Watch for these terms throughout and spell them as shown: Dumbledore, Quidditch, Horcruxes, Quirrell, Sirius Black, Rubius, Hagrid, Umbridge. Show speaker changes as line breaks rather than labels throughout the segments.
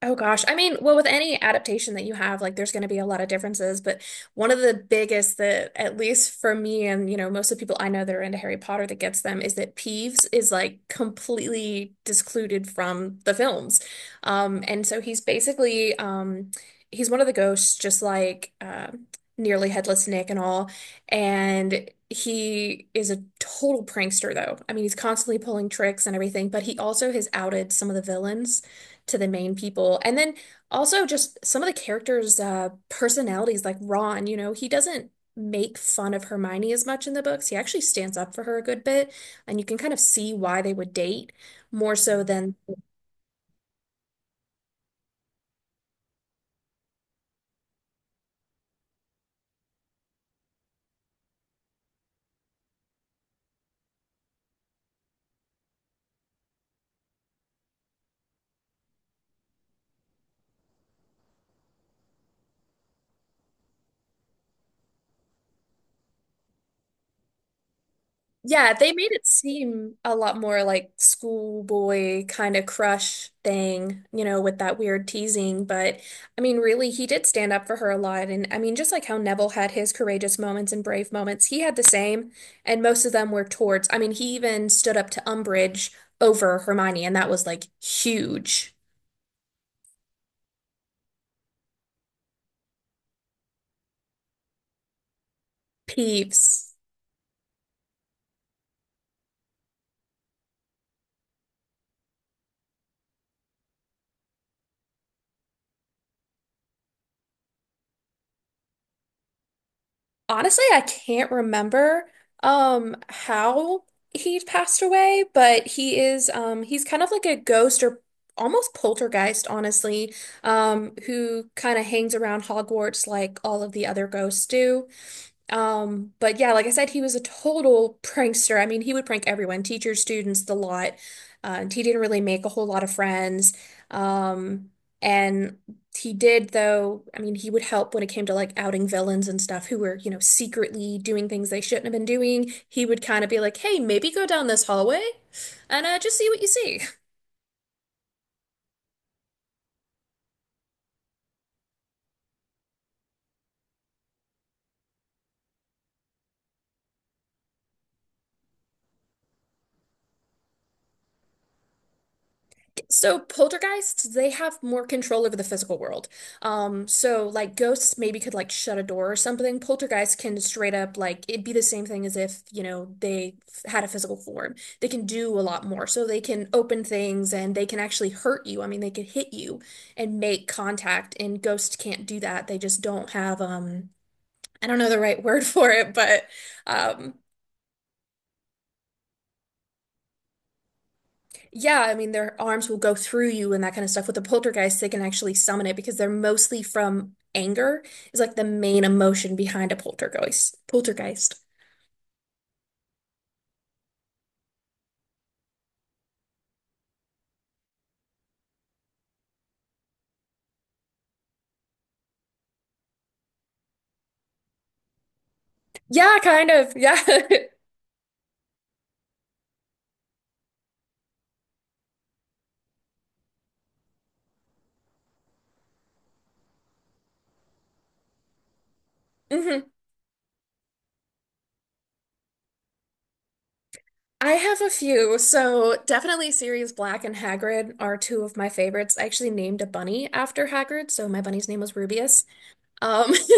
Oh gosh. I mean, well, with any adaptation that you have, like there's going to be a lot of differences, but one of the biggest that at least for me and, you know, most of the people I know that are into Harry Potter that gets them is that Peeves is like completely discluded from the films. And so he's basically he's one of the ghosts just like nearly headless Nick and all. And he is a total prankster though. I mean, he's constantly pulling tricks and everything, but he also has outed some of the villains to the main people. And then also just some of the characters' personalities, like Ron, you know, he doesn't make fun of Hermione as much in the books. He actually stands up for her a good bit, and you can kind of see why they would date more so. Mhm. Than yeah, they made it seem a lot more like schoolboy kind of crush thing, you know, with that weird teasing. But I mean, really, he did stand up for her a lot. And I mean, just like how Neville had his courageous moments and brave moments, he had the same. And most of them were towards, I mean, he even stood up to Umbridge over Hermione, and that was like huge. Peeves. Honestly, I can't remember how he passed away, but he is he's kind of like a ghost or almost poltergeist, honestly, who kind of hangs around Hogwarts like all of the other ghosts do. But yeah, like I said, he was a total prankster. I mean, he would prank everyone, teachers, students, the lot. And he didn't really make a whole lot of friends. Um, and he did, though, I mean, he would help when it came to like outing villains and stuff who were, you know, secretly doing things they shouldn't have been doing. He would kind of be like, hey, maybe go down this hallway and just see what you see. So poltergeists, they have more control over the physical world. So like ghosts maybe could like shut a door or something. Poltergeists can straight up like it'd be the same thing as if, you know, had a physical form. They can do a lot more. So they can open things and they can actually hurt you. I mean, they could hit you and make contact, and ghosts can't do that. They just don't have I don't know the right word for it, but um yeah, I mean, their arms will go through you and that kind of stuff. With the poltergeist, they can actually summon it because they're mostly from anger, is like the main emotion behind a poltergeist. Poltergeist. Yeah, kind of. Yeah. Hmm. I have a few. So definitely Sirius Black and Hagrid are two of my favorites. I actually named a bunny after Hagrid, so my bunny's name was Rubius. Um,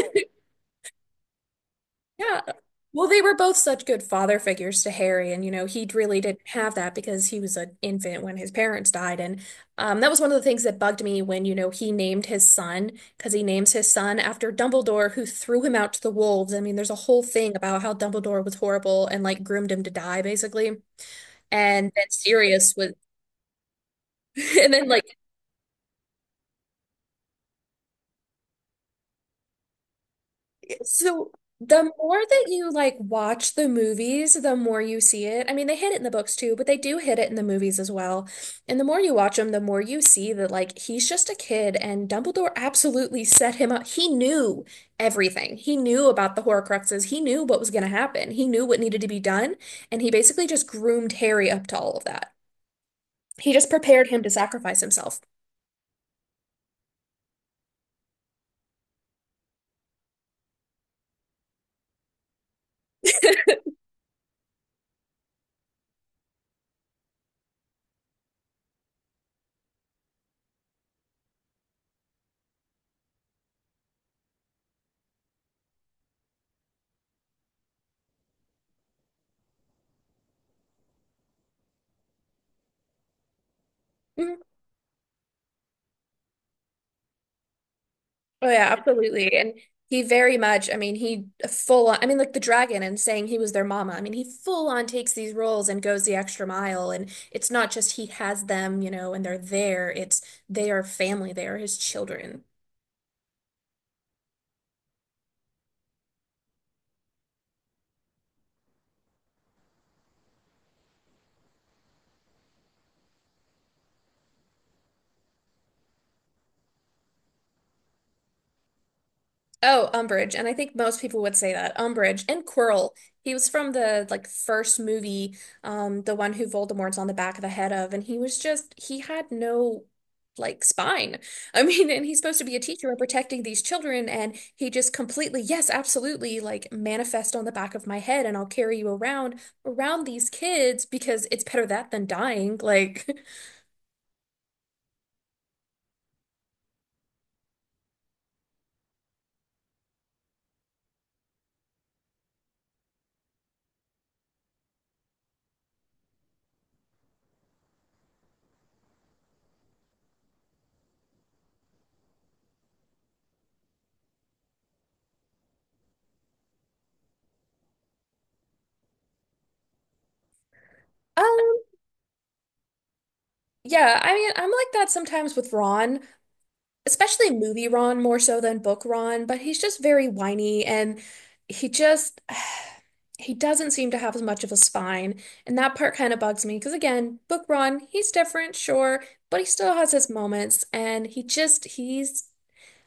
Yeah. Well, they were both such good father figures to Harry, and you know, he really didn't have that because he was an infant when his parents died. And that was one of the things that bugged me when, you know, he named his son, because he names his son after Dumbledore, who threw him out to the wolves. I mean, there's a whole thing about how Dumbledore was horrible and like groomed him to die, basically. And then Sirius was, and then like, so the more that you like watch the movies, the more you see it. I mean, they hit it in the books too, but they do hit it in the movies as well. And the more you watch them, the more you see that like he's just a kid and Dumbledore absolutely set him up. He knew everything. He knew about the Horcruxes. He knew what was going to happen. He knew what needed to be done, and he basically just groomed Harry up to all of that. He just prepared him to sacrifice himself. Mm-hmm. Oh yeah, absolutely. And he very much, I mean, he full on, I mean, like the dragon and saying he was their mama. I mean, he full on takes these roles and goes the extra mile. And it's not just he has them, you know, and they're there. It's they are family. They are his children. Oh, Umbridge, and I think most people would say that. Umbridge and Quirrell. He was from the like first movie, the one who Voldemort's on the back of the head of, and he was just he had no like spine. I mean, and he's supposed to be a teacher and protecting these children, and he just completely, yes, absolutely, like manifest on the back of my head, and I'll carry you around around these kids because it's better that than dying. Like, um, yeah, I mean, I'm like that sometimes with Ron, especially movie Ron more so than book Ron, but he's just very whiny and he just he doesn't seem to have as much of a spine. And that part kind of bugs me because again, book Ron, he's different, sure, but he still has his moments and he just he's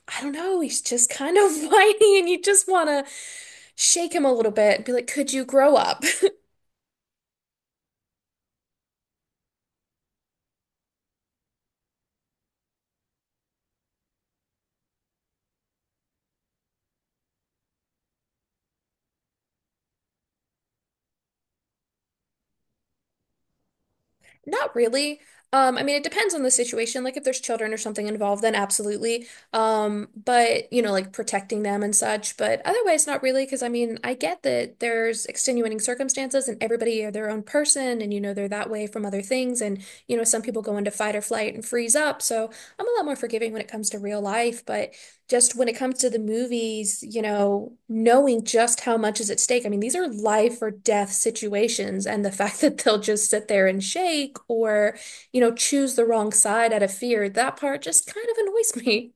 I don't know, he's just kind of whiny and you just want to shake him a little bit and be like, "Could you grow up?" Not really. I mean, it depends on the situation. Like if there's children or something involved, then absolutely. But you know, like protecting them and such. But otherwise, not really, because I mean, I get that there's extenuating circumstances and everybody are their own person, and you know, they're that way from other things. And you know, some people go into fight or flight and freeze up. So I'm a lot more forgiving when it comes to real life. But just when it comes to the movies, you know, knowing just how much is at stake. I mean, these are life or death situations, and the fact that they'll just sit there and shake or, you know, choose the wrong side out of fear, that part just kind of annoys me.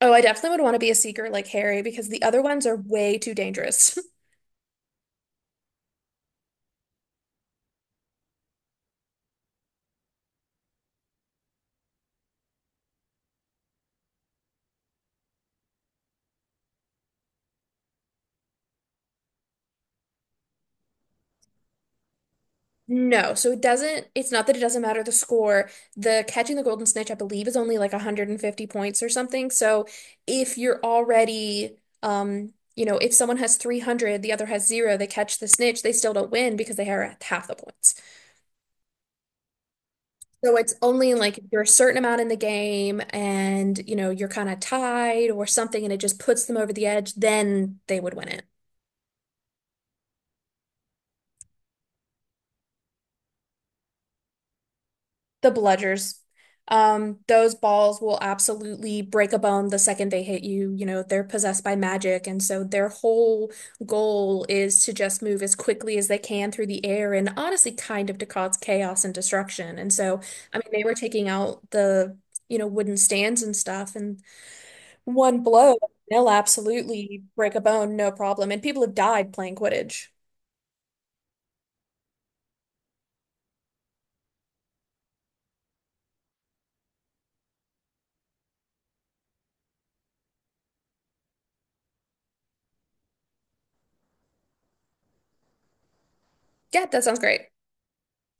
Oh, I definitely would want to be a seeker like Harry because the other ones are way too dangerous. No, so it doesn't, it's not that it doesn't matter the score. The catching the golden snitch, I believe, is only like 150 points or something. So if you're already, you know, if someone has 300, the other has 0, they catch the snitch, they still don't win because they are at half the points. So it's only like if you're a certain amount in the game and, you know, you're kind of tied or something and it just puts them over the edge, then they would win it. The bludgers. Those balls will absolutely break a bone the second they hit you. You know, they're possessed by magic, and so their whole goal is to just move as quickly as they can through the air and honestly kind of to cause chaos and destruction. And so, I mean, they were taking out the, you know, wooden stands and stuff, and one blow, they'll absolutely break a bone, no problem. And people have died playing Quidditch. Yeah, that sounds great.